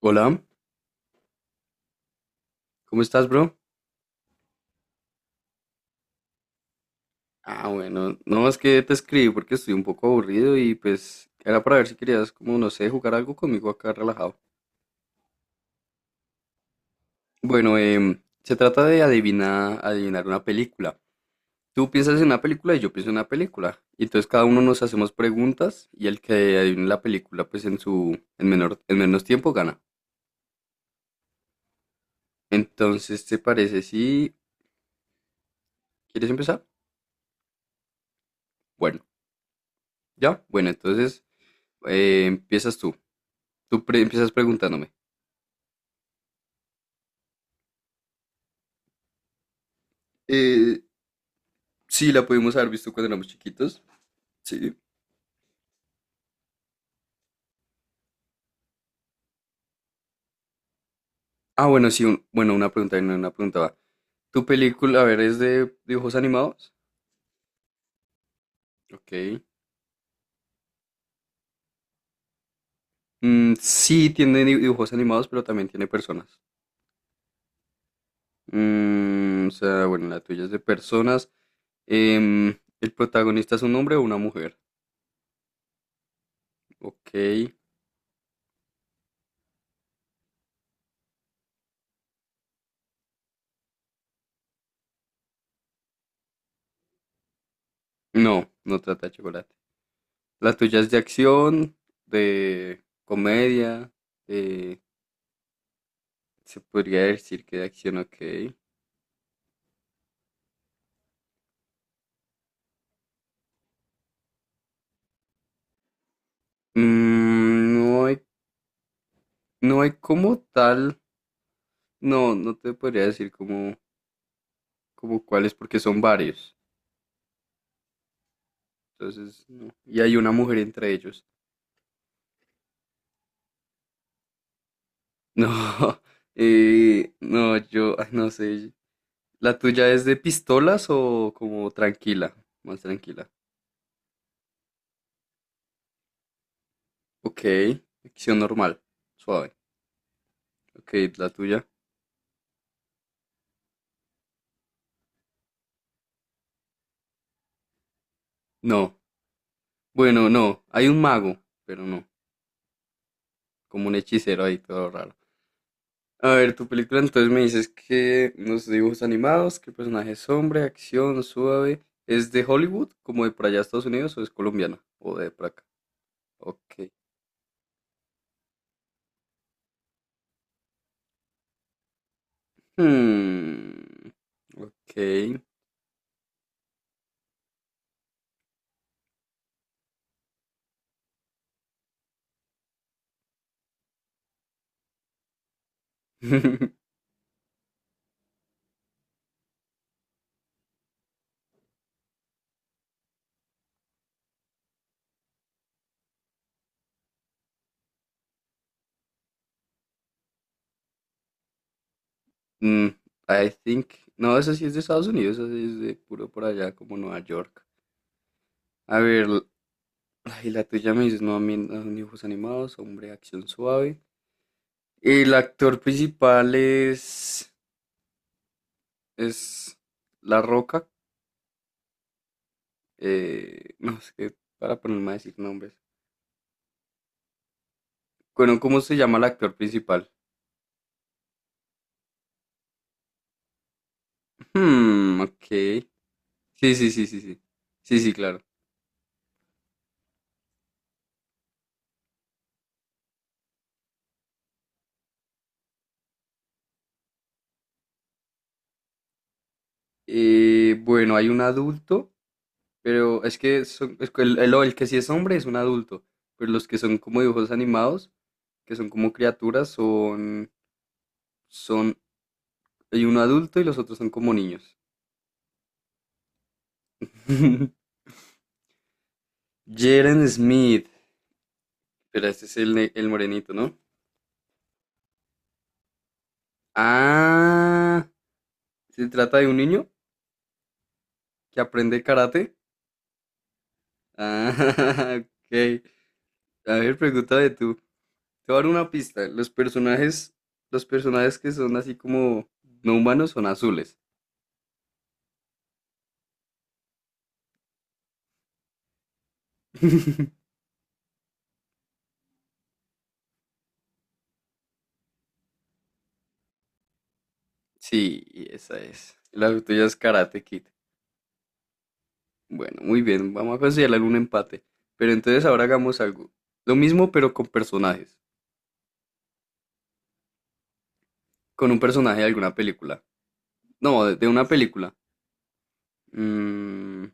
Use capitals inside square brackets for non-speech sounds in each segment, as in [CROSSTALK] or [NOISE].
Hola, ¿cómo estás, bro? Ah, bueno, no, es que te escribí porque estoy un poco aburrido y pues era para ver si querías, como no sé, jugar algo conmigo acá relajado. Bueno, se trata de adivinar una película. Tú piensas en una película y yo pienso en una película. Y entonces cada uno nos hacemos preguntas y el que adivine la película, pues en su, en menor, en menos tiempo gana. Entonces, ¿te parece si quieres empezar? Bueno, ya, bueno, entonces empiezas tú. Empiezas preguntándome. Eh, Sí, la pudimos haber visto cuando éramos chiquitos. Sí. Ah, bueno, sí, bueno, una pregunta, no, una pregunta va. ¿Tu película, a ver, es de dibujos animados? Ok. Mm, sí, dibujos animados, pero también tiene personas. Mm, o sea, bueno, la tuya es de personas. ¿El protagonista es un hombre o una mujer? Ok. No, no trata de chocolate. La tuya es de acción, de comedia, de... Se podría decir que de acción, ok. Mm, no hay No hay como tal, no, no te podría decir como, como cuáles, porque son varios. Entonces, no. Y hay una mujer entre ellos. No, [LAUGHS] no, yo, ay, no sé. ¿La tuya es de pistolas o como tranquila? Más tranquila. Ok, acción normal, suave. Ok, ¿la tuya? No. Bueno, no, hay un mago, pero no, como un hechicero ahí, todo raro. A ver, tu película entonces me dices que los dibujos animados, que el personaje es hombre, acción, suave, ¿es de Hollywood, como de por allá Estados Unidos, o es colombiana, o de por acá? Ok. Hmm, ok. [LAUGHS] Mm, I think. No, esa sí es de Estados Unidos, esa sí es de puro por allá, como Nueva York. A ver, l- ay, la tuya me dices, no, a mí no, dibujos animados, hombre, acción suave. El actor principal es La Roca. No, es que para ponerme a decir nombres. Bueno, ¿cómo se llama el actor principal? Hmm, ok. Sí, sí, sí, sí, sí. Sí, sí, claro. Bueno, hay un adulto, pero es que es que el que sí es hombre es un adulto, pero los que son como dibujos animados, que son como criaturas, son, hay un adulto y los otros son como niños. [LAUGHS] Jaren Smith, pero este es el morenito, ¿no? Ah, se trata de un niño que aprende karate. Ah, [LAUGHS] ok. A ver, pregunta de tú. Te voy a dar una pista. Los personajes que son así como no humanos son azules. [LAUGHS] Sí, y esa es. La tuya es Karate Kid. Bueno, muy bien. Vamos a considerar un empate. Pero entonces ahora hagamos algo. Lo mismo, pero con personajes. Con un personaje de alguna película. No, de una película. Mm,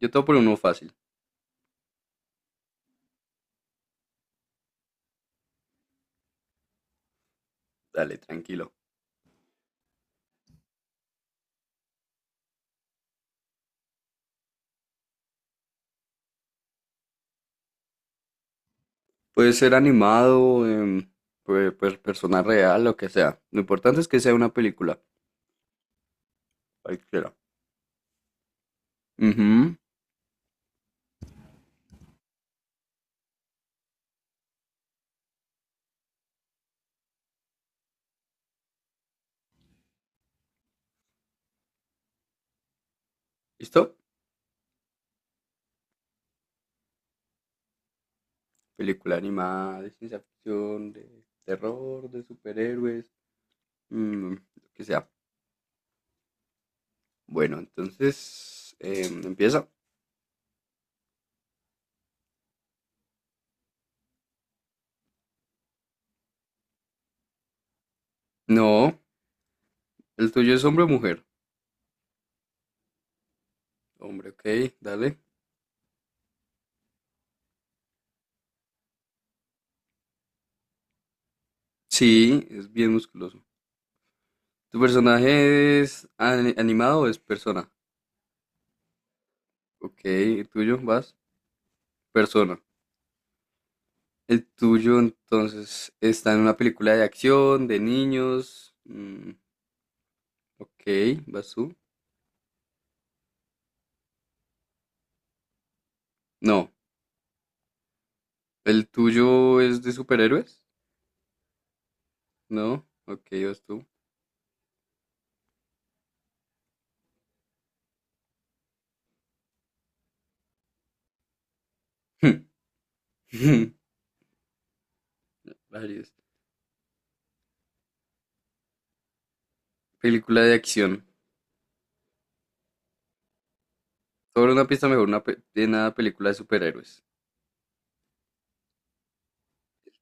yo te voy a poner uno fácil. Dale, tranquilo. Puede ser animado, puede ser persona real, lo que sea. Lo importante es que sea una película, cualquiera. Ujú. ¿Listo? Película animada, de ciencia ficción, de terror, de superhéroes, mm, lo que sea. Bueno, entonces, empieza. No, el tuyo es hombre o mujer. Hombre, ok, dale. Sí, es bien musculoso. ¿Tu personaje es animado o es persona? Ok, ¿el tuyo? ¿Vas? Persona. El tuyo entonces está en una película de acción, de niños. Mm, ok, vas tú. No, el tuyo es de superhéroes. No, ok, vas tú. [LAUGHS] Varios. Película de acción. Sobre una pista mejor, de una película de superhéroes.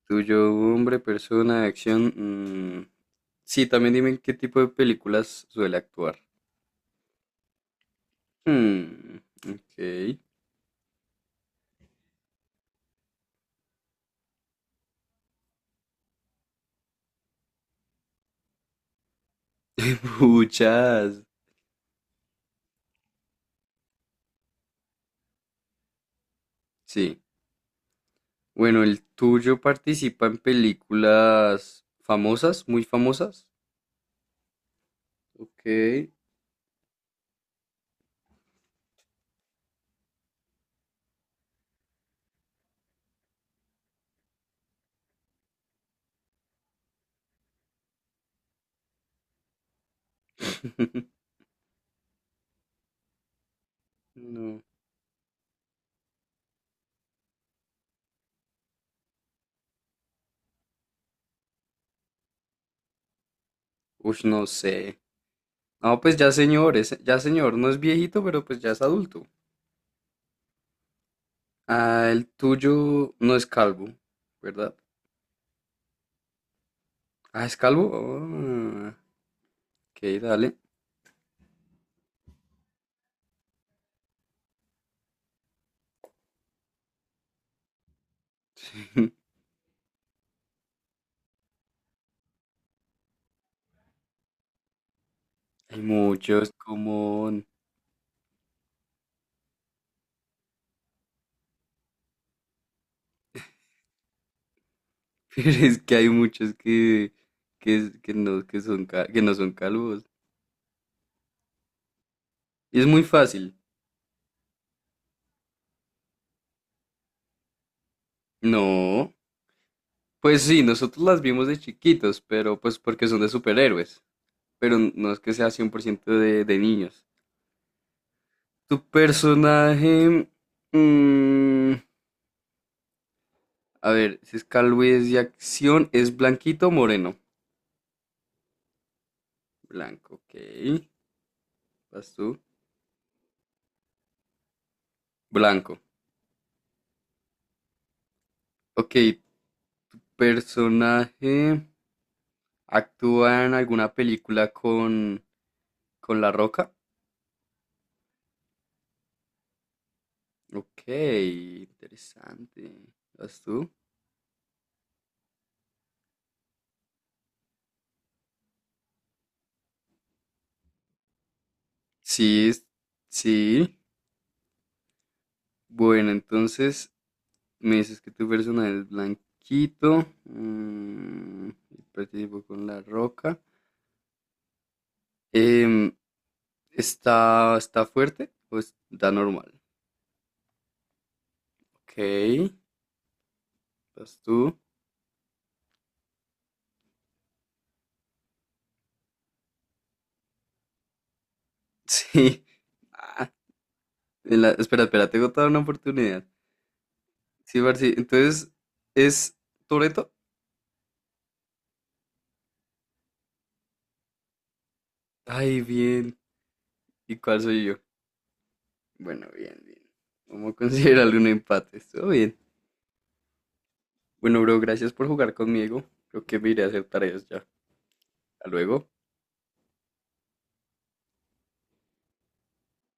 Tuyo, hombre, persona, de acción. Mm, sí, también dime en qué tipo de películas suele actuar. Hmm, ok. [LAUGHS] Muchas. Sí. Bueno, ¿el tuyo participa en películas famosas, muy famosas? Ok. [LAUGHS] No. Uy, no sé. No, pues ya señor, ya señor, no es viejito, pero pues ya es adulto. Ah, el tuyo no es calvo, ¿verdad? Ah, ¿es calvo? Ah, ok, dale. Hay muchos como... [LAUGHS] Pero es que hay muchos que no, que no son calvos. Y es muy fácil. No. Pues sí, nosotros las vimos de chiquitos, pero pues porque son de superhéroes, pero no es que sea 100% de niños. Tu personaje, mm, a ver, si es calvez y acción, ¿es blanquito o moreno? Blanco, ok. ¿Vas tú? Blanco. Ok, personaje, ¿actúa en alguna película con La Roca? Ok, interesante. ¿Vas tú? Sí, es- sí. Bueno, entonces me dices que tu personaje es blanquito. Mm, y participó con la roca. Em, ¿Está, está fuerte o está normal? Ok, estás tú. [LAUGHS] Sí. Ah, espera, espera, tengo toda una oportunidad. Sí, Barcy, entonces, ¿es Toreto? Ay, bien. ¿Y cuál soy yo? Bueno, bien, bien. Vamos a considerarle un empate. Estuvo bien. Bueno, bro, gracias por jugar conmigo. Creo que me iré a hacer tareas ya. Hasta luego.